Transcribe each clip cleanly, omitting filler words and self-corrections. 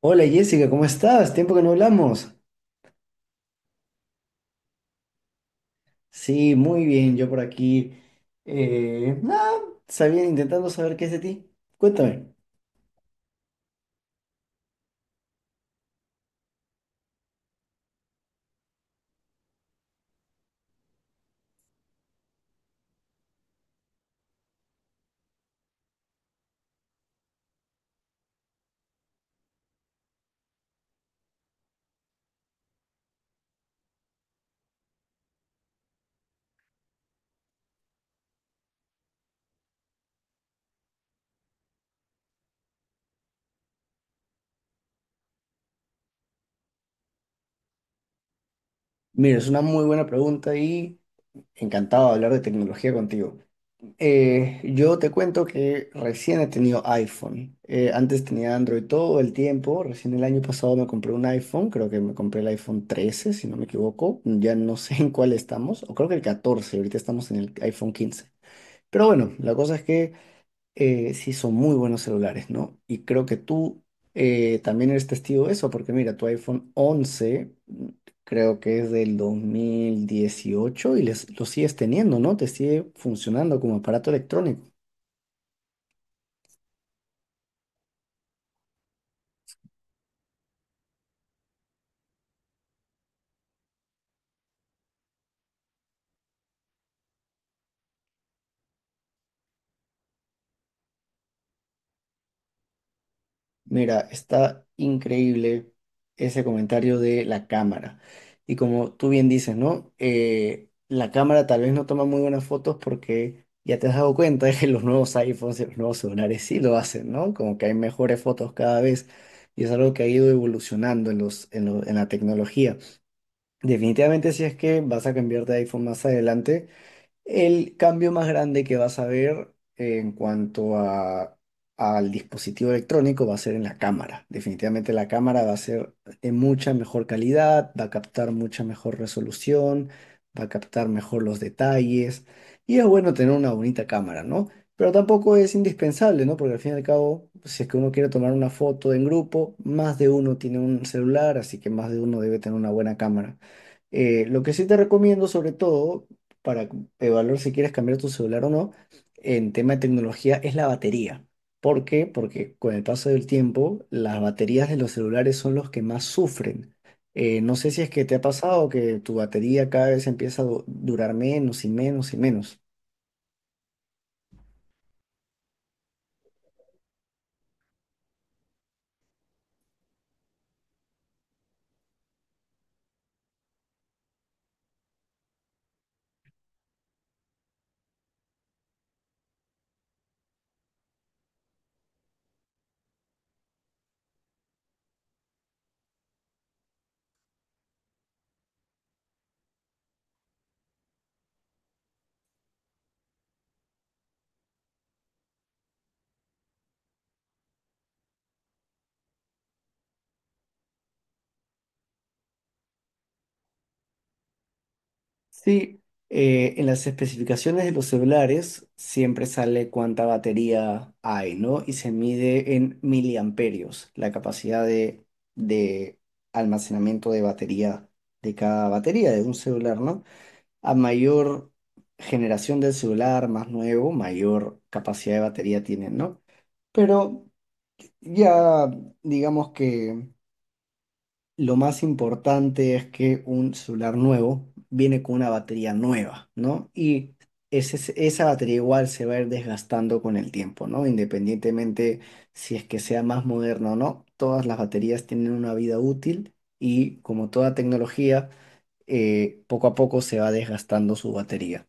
Hola Jessica, ¿cómo estás? Tiempo que no hablamos. Sí, muy bien, yo por aquí. Nada, sabía intentando saber qué es de ti. Cuéntame. Mira, es una muy buena pregunta y encantado de hablar de tecnología contigo. Yo te cuento que recién he tenido iPhone. Antes tenía Android todo el tiempo. Recién el año pasado me compré un iPhone. Creo que me compré el iPhone 13, si no me equivoco. Ya no sé en cuál estamos. O creo que el 14. Ahorita estamos en el iPhone 15. Pero bueno, la cosa es que sí son muy buenos celulares, ¿no? Y creo que tú también eres testigo de eso, porque mira, tu iPhone 11, mm, creo que es del 2018 y lo sigues teniendo, ¿no? Te sigue funcionando como aparato electrónico. Mira, está increíble ese comentario de la cámara. Y como tú bien dices, ¿no? La cámara tal vez no toma muy buenas fotos porque ya te has dado cuenta que los nuevos iPhones y los nuevos celulares sí lo hacen, ¿no? Como que hay mejores fotos cada vez y es algo que ha ido evolucionando en en la tecnología. Definitivamente si es que vas a cambiar de iPhone más adelante. El cambio más grande que vas a ver en al dispositivo electrónico va a ser en la cámara. Definitivamente la cámara va a ser de mucha mejor calidad, va a captar mucha mejor resolución, va a captar mejor los detalles y es bueno tener una bonita cámara, ¿no? Pero tampoco es indispensable, ¿no? Porque al fin y al cabo, si es que uno quiere tomar una foto en grupo, más de uno tiene un celular, así que más de uno debe tener una buena cámara. Lo que sí te recomiendo, sobre todo, para evaluar si quieres cambiar tu celular o no, en tema de tecnología, es la batería. ¿Por qué? Porque con el paso del tiempo, las baterías de los celulares son los que más sufren. No sé si es que te ha pasado que tu batería cada vez empieza a durar menos y menos y menos. Sí, en las especificaciones de los celulares siempre sale cuánta batería hay, ¿no? Y se mide en miliamperios la capacidad de almacenamiento de batería de cada batería de un celular, ¿no? A mayor generación del celular, más nuevo, mayor capacidad de batería tienen, ¿no? Pero ya digamos que lo más importante es que un celular nuevo viene con una batería nueva, ¿no? Y esa batería igual se va a ir desgastando con el tiempo, ¿no? Independientemente si es que sea más moderno o no, todas las baterías tienen una vida útil y como toda tecnología, poco a poco se va desgastando su batería.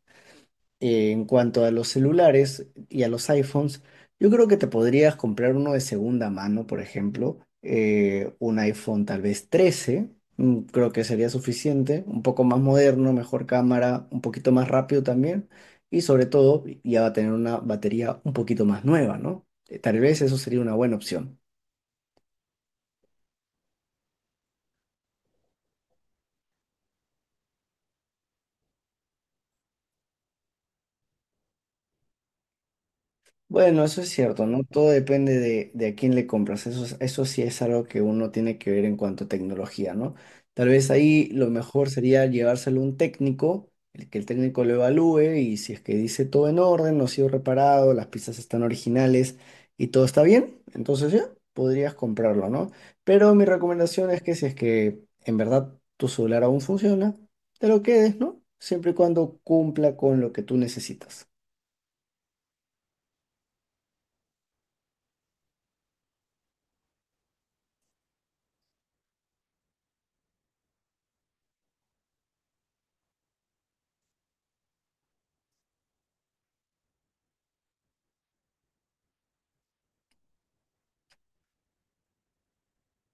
En cuanto a los celulares y a los iPhones, yo creo que te podrías comprar uno de segunda mano, por ejemplo, un iPhone tal vez 13, mm, creo que sería suficiente, un poco más moderno, mejor cámara, un poquito más rápido también, y sobre todo ya va a tener una batería un poquito más nueva, ¿no? Tal vez eso sería una buena opción. Bueno, eso es cierto, ¿no? Todo depende de a quién le compras. Eso sí es algo que uno tiene que ver en cuanto a tecnología, ¿no? Tal vez ahí lo mejor sería llevárselo a un técnico, el que el técnico lo evalúe y si es que dice todo en orden, no ha sido reparado, las piezas están originales y todo está bien, entonces ya podrías comprarlo, ¿no? Pero mi recomendación es que si es que en verdad tu celular aún funciona, te lo quedes, ¿no? Siempre y cuando cumpla con lo que tú necesitas.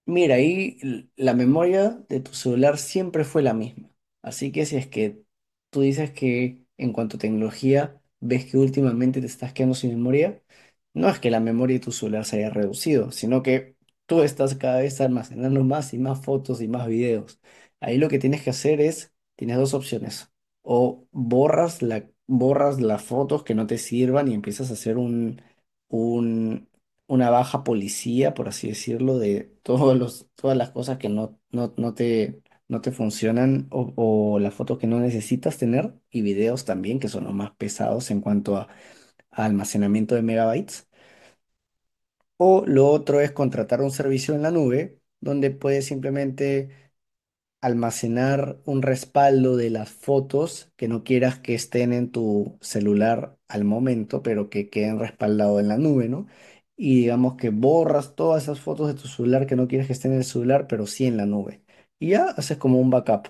Mira, ahí la memoria de tu celular siempre fue la misma. Así que si es que tú dices que en cuanto a tecnología ves que últimamente te estás quedando sin memoria, no es que la memoria de tu celular se haya reducido, sino que tú estás cada vez almacenando más y más fotos y más videos. Ahí lo que tienes que hacer es, tienes dos opciones. O borras las fotos que no te sirvan y empiezas a hacer una baja policía, por así decirlo, de todas las cosas que no te, no te funcionan o las fotos que no necesitas tener y videos también, que son los más pesados en a almacenamiento de megabytes. O lo otro es contratar un servicio en la nube donde puedes simplemente almacenar un respaldo de las fotos que no quieras que estén en tu celular al momento, pero que queden respaldados en la nube, ¿no? Y digamos que borras todas esas fotos de tu celular que no quieres que estén en el celular, pero sí en la nube. Y ya haces como un backup.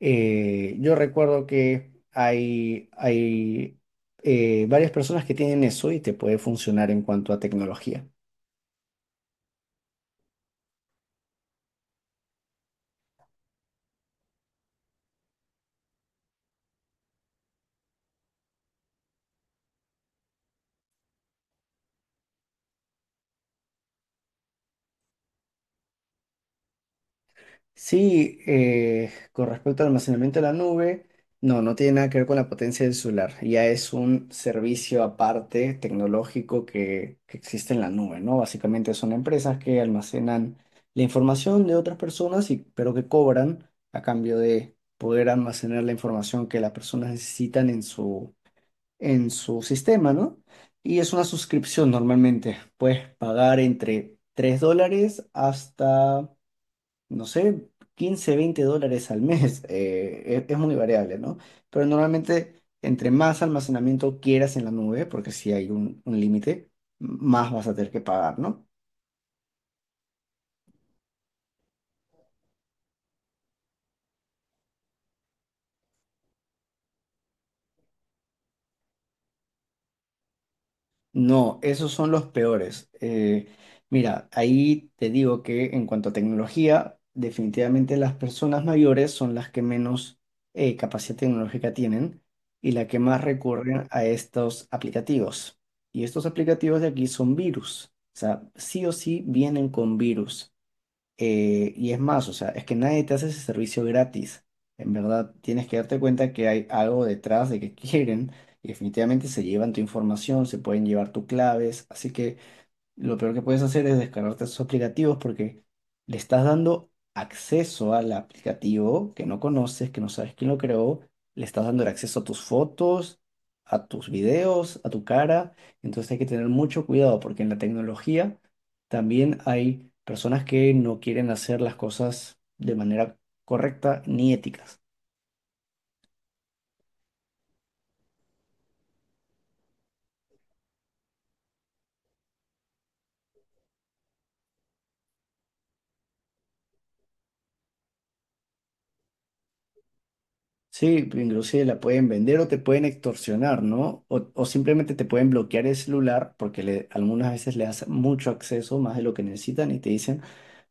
Yo recuerdo que hay varias personas que tienen eso y te puede funcionar en cuanto a tecnología. Sí, con respecto al almacenamiento de la nube, no tiene nada que ver con la potencia del solar. Ya es un servicio aparte tecnológico que existe en la nube, ¿no? Básicamente son empresas que almacenan la información de otras personas, y, pero que cobran a cambio de poder almacenar la información que las personas necesitan en su sistema, ¿no? Y es una suscripción normalmente. Puedes pagar entre $3 hasta no sé, 15, 20 dólares al mes. Es muy variable, ¿no? Pero normalmente, entre más almacenamiento quieras en la nube, porque si hay un límite, más vas a tener que pagar, ¿no? No, esos son los peores. Mira, ahí te digo que en cuanto a tecnología, definitivamente las personas mayores son las que menos capacidad tecnológica tienen y las que más recurren a estos aplicativos. Y estos aplicativos de aquí son virus. O sea, sí o sí vienen con virus. Y es más, o sea, es que nadie te hace ese servicio gratis. En verdad, tienes que darte cuenta que hay algo detrás de que quieren y definitivamente se llevan tu información, se pueden llevar tus claves. Así que lo peor que puedes hacer es descargarte esos aplicativos porque le estás dando acceso al aplicativo que no conoces, que no sabes quién lo creó, le estás dando el acceso a tus fotos, a tus videos, a tu cara. Entonces hay que tener mucho cuidado porque en la tecnología también hay personas que no quieren hacer las cosas de manera correcta ni éticas. Sí, pues, inclusive la pueden vender o te pueden extorsionar, ¿no? O simplemente te pueden bloquear el celular porque algunas veces le das mucho acceso, más de lo que necesitan, y te dicen,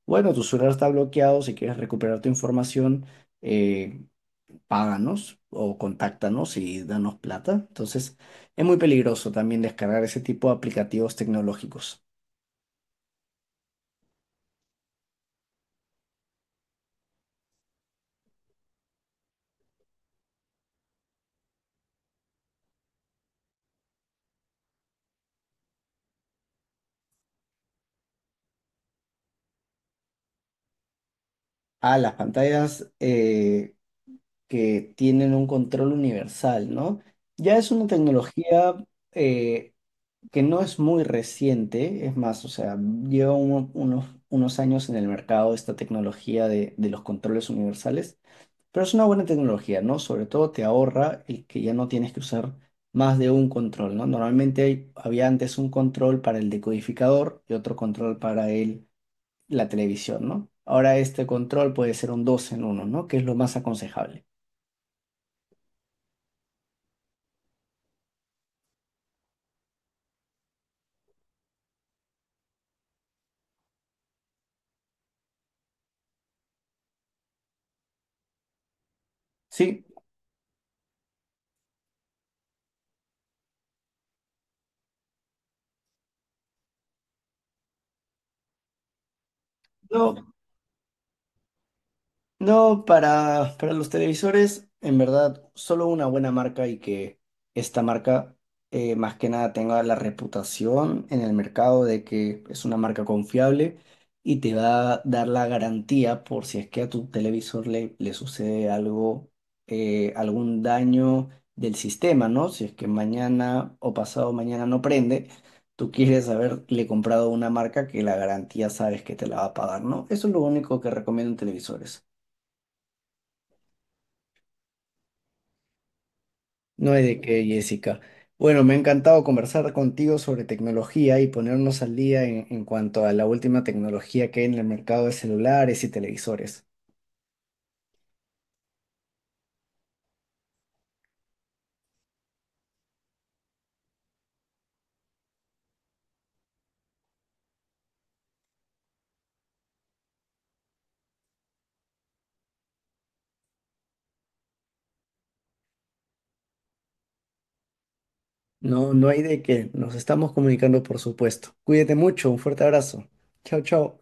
bueno, tu celular está bloqueado, si quieres recuperar tu información, eh, páganos o contáctanos y danos plata. Entonces, es muy peligroso también descargar ese tipo de aplicativos tecnológicos. Ah, las pantallas que tienen un control universal, ¿no? Ya es una tecnología... eh, que no es muy reciente, es más, o sea, lleva unos años en el mercado esta tecnología de los controles universales, pero es una buena tecnología, ¿no? Sobre todo te ahorra el que ya no tienes que usar más de un control, ¿no? Normalmente había antes un control para el decodificador y otro control para la televisión, ¿no? Ahora este control puede ser un 2 en uno, ¿no? Que es lo más aconsejable. Sí, no, no, para los televisores, en verdad, solo una buena marca y que esta marca más que nada tenga la reputación en el mercado de que es una marca confiable y te va a dar la garantía por si es que a tu televisor le sucede algo, algún daño del sistema, ¿no? Si es que mañana o pasado mañana no prende, tú quieres haberle comprado una marca que la garantía sabes que te la va a pagar, ¿no? Eso es lo único que recomiendo en televisores. No hay de qué, Jessica. Bueno, me ha encantado conversar contigo sobre tecnología y ponernos al día en cuanto a la última tecnología que hay en el mercado de celulares y televisores. No, no hay de qué. Nos estamos comunicando, por supuesto. Cuídate mucho. Un fuerte abrazo. Chao, chao.